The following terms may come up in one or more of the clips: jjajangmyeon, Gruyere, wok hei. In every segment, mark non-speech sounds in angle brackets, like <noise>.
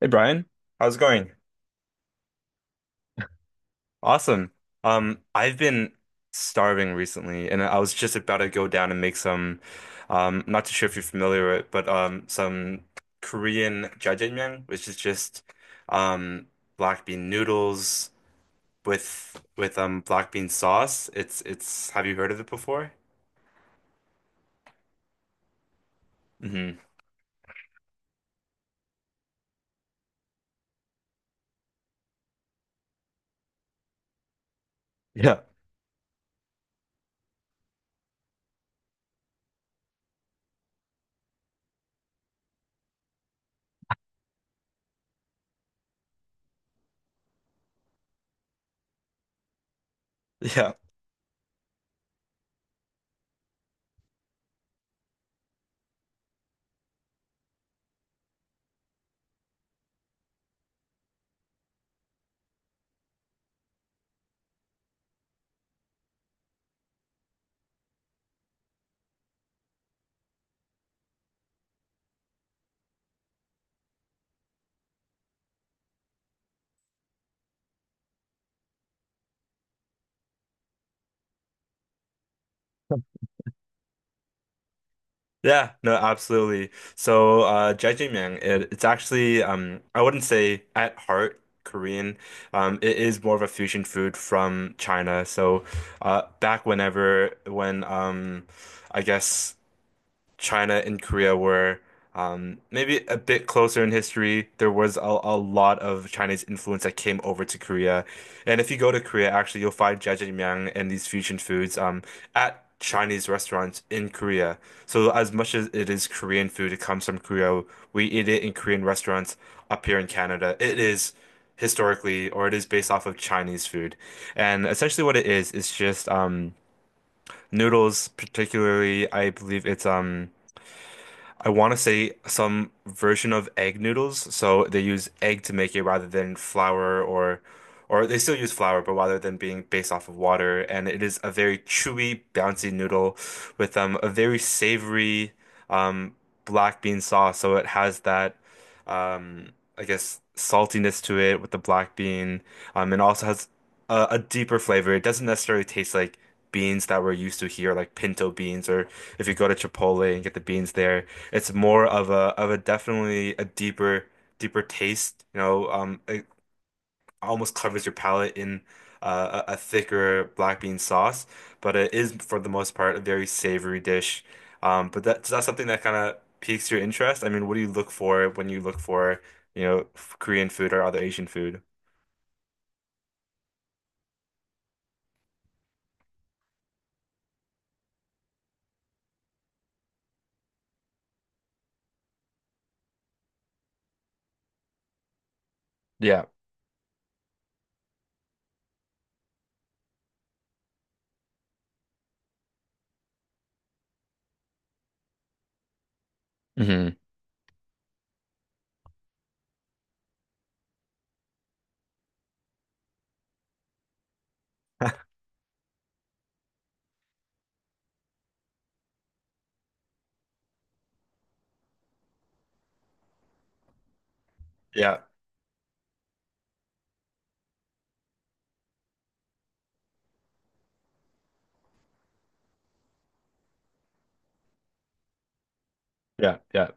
Hey Brian, how's it going? Awesome. I've been starving recently, and I was just about to go down and make some. Not too sure if you're familiar with it, but some Korean jjajangmyeon, which is just um black bean noodles with with black bean sauce. It's it's. Have you heard of it before? Hmm Yeah. Yeah. Yeah, no, absolutely. So, jjajangmyeon, it's actually, I wouldn't say at heart Korean. It is more of a fusion food from China. So, back whenever, when, I guess. China and Korea were maybe a bit closer in history. There was a lot of Chinese influence that came over to Korea. And if you go to Korea, actually, you'll find jjajangmyeon and these fusion foods at Chinese restaurants in Korea. So as much as it is Korean food, it comes from Korea. We eat it in Korean restaurants up here in Canada. It is historically, or it is based off of Chinese food. And essentially what it is just noodles, particularly, I believe it's I want to say some version of egg noodles. So they use egg to make it rather than flour, or they still use flour, but rather than being based off of water. And it is a very chewy, bouncy noodle with a very savory um, black bean sauce. So it has that um, I guess saltiness to it with the black bean. And also has a deeper flavor. It doesn't necessarily taste like beans that we're used to here, like pinto beans, or if you go to Chipotle and get the beans there. It's more of a definitely a deeper taste. You know, it almost covers your palate in a thicker black bean sauce, but it is for the most part a very savory dish. But that's that's something that kind of piques your interest. I mean, what do you look for when you look for, you know, Korean food or other Asian food? Hmm Yeah, yeah, yeah,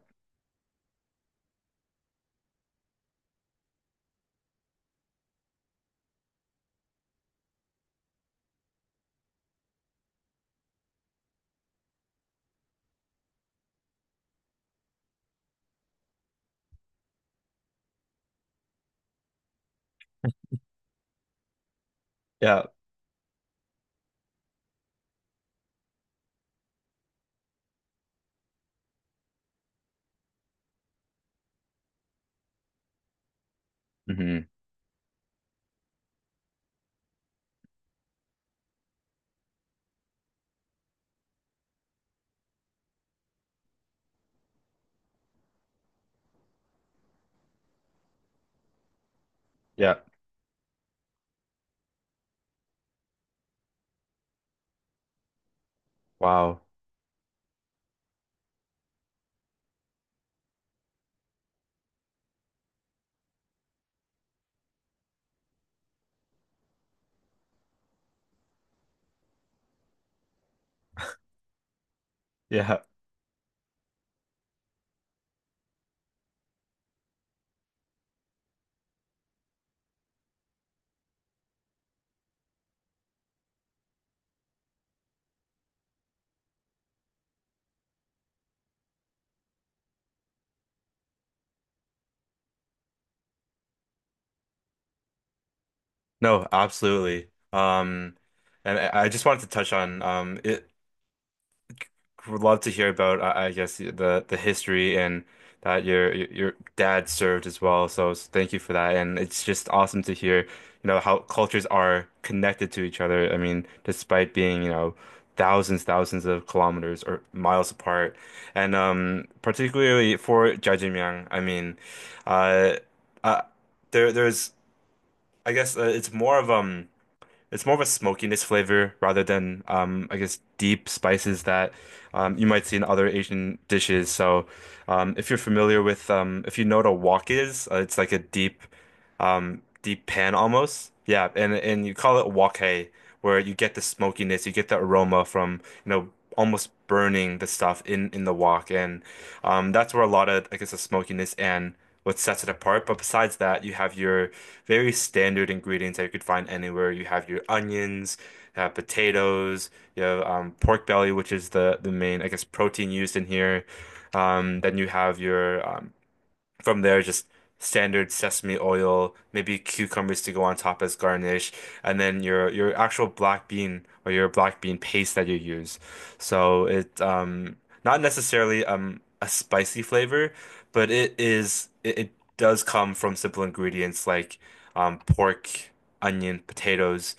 yeah. hmm Yeah. Wow. Yeah. No, absolutely. And I just wanted to touch on it. Would love to hear about, I guess, the history and that your dad served as well. So thank you for that, and it's just awesome to hear, you know, how cultures are connected to each other. I mean, despite being, you know, thousands, thousands of kilometers or miles apart, and particularly for jajimyeon, I mean, uh, uh, there there's, I guess, it's more of. It's more of a smokiness flavor rather than, I guess, deep spices that you might see in other Asian dishes. So, if you're familiar with, if you know what a wok is, it's like a deep deep pan almost. Yeah, and you call it wok where you get the smokiness, you get the aroma from, you know, almost burning the stuff in the wok and that's where a lot of I guess the smokiness and what sets it apart. But besides that, you have your very standard ingredients that you could find anywhere. You have your onions, you have potatoes, you have pork belly, which is the main I guess protein used in here. Then you have your from there, just standard sesame oil, maybe cucumbers to go on top as garnish, and then your actual black bean or your black bean paste that you use. So it not necessarily a spicy flavor, but it does come from simple ingredients like pork, onion, potatoes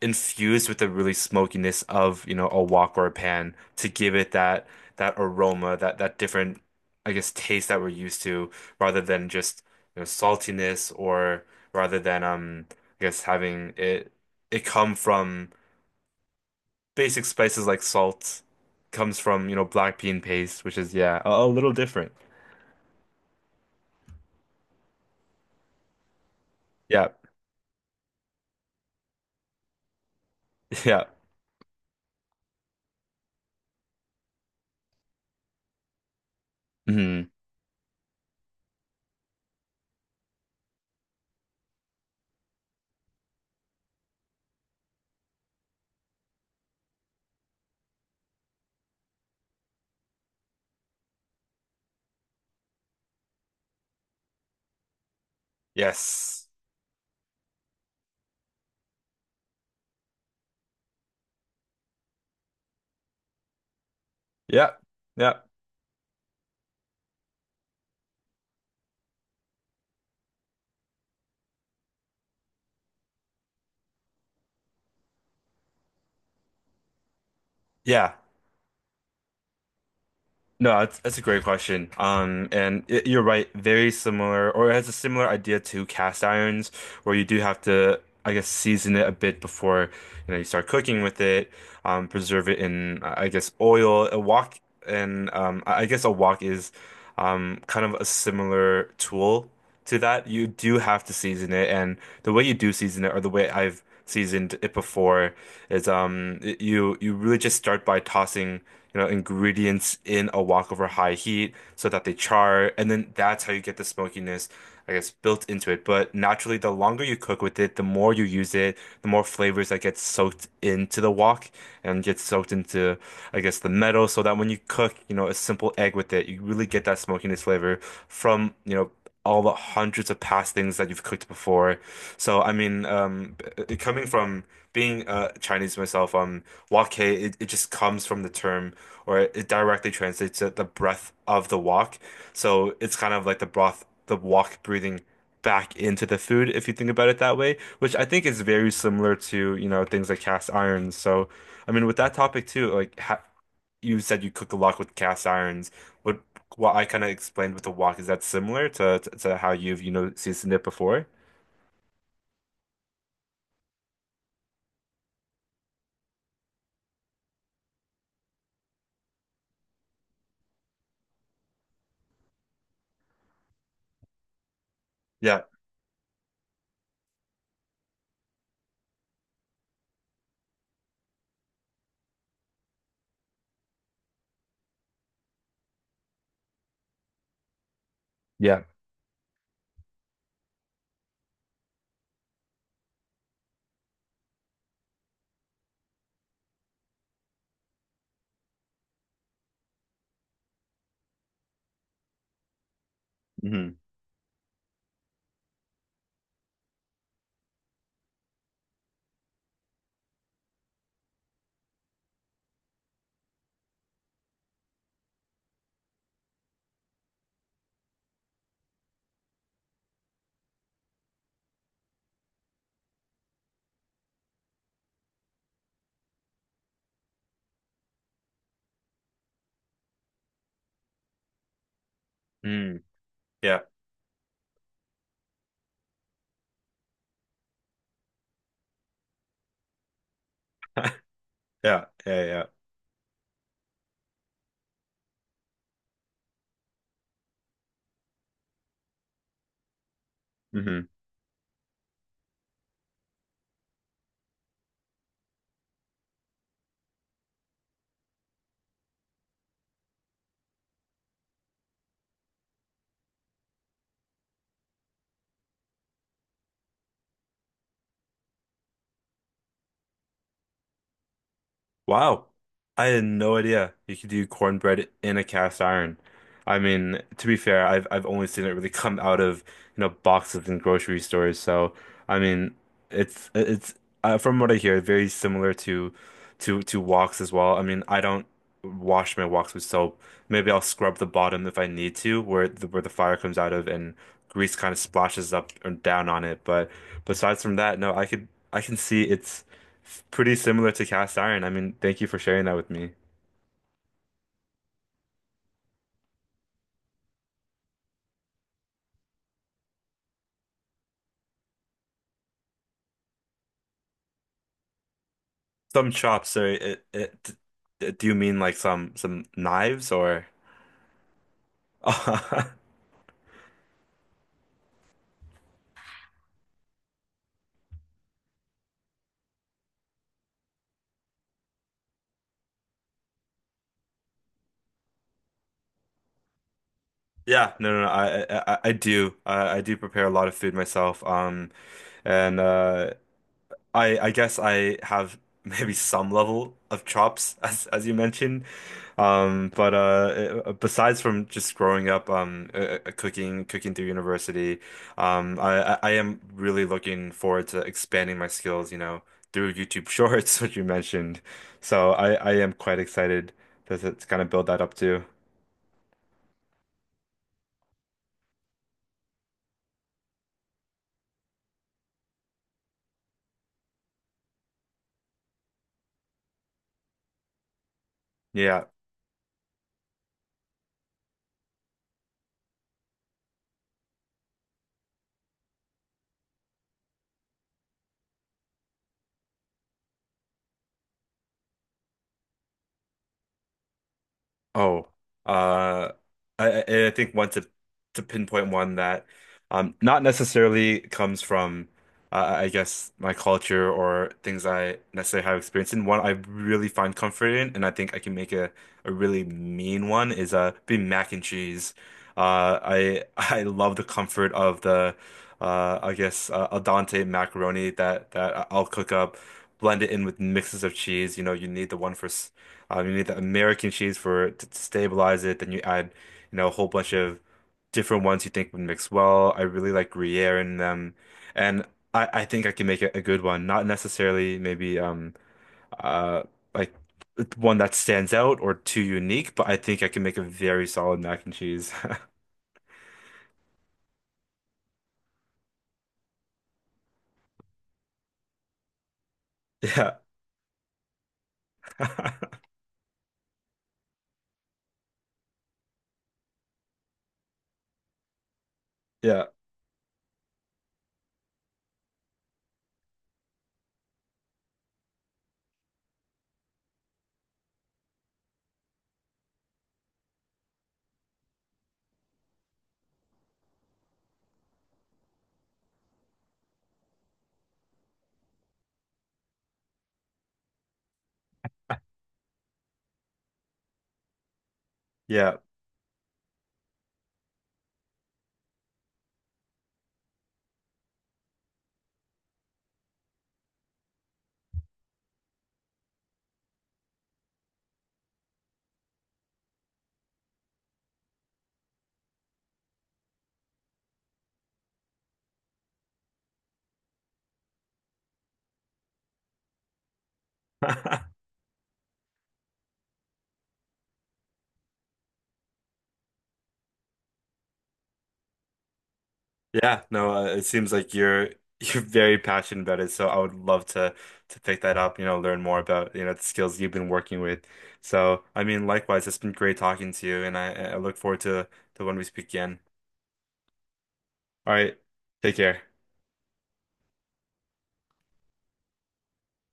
infused with the really smokiness of, you know, a wok or a pan to give it that that aroma, that that different, I guess, taste that we're used to, rather than just, you know, saltiness or rather than I guess having it come from basic spices like salt, comes from, you know, black bean paste, which is yeah, a little different. Yeah. <laughs> Yeah. hmm Yes. Yeah. Yeah. Yeah. No, that's a great question. You're right, very similar, or it has a similar idea to cast irons, where you do have to, I guess, season it a bit before, you know, you start cooking with it, preserve it in, I guess, oil. A wok and I guess a wok is kind of a similar tool to that. You do have to season it, and the way you do season it, or the way I've seasoned it before, is you you really just start by tossing. You know, ingredients in a wok over high heat so that they char, and then that's how you get the smokiness. I guess, built into it. But naturally, the longer you cook with it, the more you use it, the more flavors that get soaked into the wok and get soaked into, I guess, the metal. So that when you cook, you know, a simple egg with it, you really get that smokiness flavor from, you know, all the hundreds of past things that you've cooked before. So, I mean, coming from being Chinese myself, wok hei, it just comes from the term, or it directly translates to the breath of the wok. So it's kind of like the broth the walk breathing back into the food, if you think about it that way, which I think is very similar to, you know, things like cast irons. So, I mean, with that topic too, like ha you said you cook a lot with cast irons. What what I kind of explained with the wok, is that similar to, to how you've, you know, seasoned it before? Yeah. Yeah. hmm Mm. Yeah. <laughs> Yeah. Yeah. Yeah. hmm Wow. I had no idea you could do cornbread in a cast iron. I mean, to be fair, I've only seen it really come out of, you know, boxes in grocery stores. So, I mean, it's from what I hear, very similar to to woks as well. I mean, I don't wash my woks with soap. Maybe I'll scrub the bottom if I need to, where the fire comes out of and grease kind of splashes up and down on it. But besides from that, no, I can see. It's pretty similar to cast iron. I mean, thank you for sharing that with me. Some chops, so do you mean like some knives or? <laughs> Yeah, no, no, no, I do. I do prepare a lot of food myself. And I guess I have <laughs> maybe some level of chops <laughs> as you mentioned. But Besides from just growing up, cooking cooking through university, I am really looking forward to expanding my skills, you know, through YouTube Shorts, <laughs> which you mentioned. So I am quite excited to kind of build that up too. Yeah. Oh, uh, I think one to pinpoint one that not necessarily comes from I guess my culture or things I necessarily have experience in. One I really find comfort in, and I think I can make a really mean one is be mac and cheese. I <laughs> I love the comfort of the al dente macaroni that that I'll cook up, blend it in with mixes of cheese. You know, you need the one for. You need the American cheese for it to stabilize it. Then you add, you know, a whole bunch of different ones you think would mix well. I really like Gruyere in them, and I think I can make a good one. Not necessarily maybe uh like one that stands out or too unique, but I think I can make a very solid mac and cheese. <laughs> Yeah, <laughs> yeah, yeah. <laughs> Yeah, no, it seems like you're <laughs> you're very passionate about it, so I would love to pick that up, you know, learn more about, you know, the skills you've been working with. So, I mean, likewise, it's been great talking to you, and I look forward to when we speak again. All right, take care.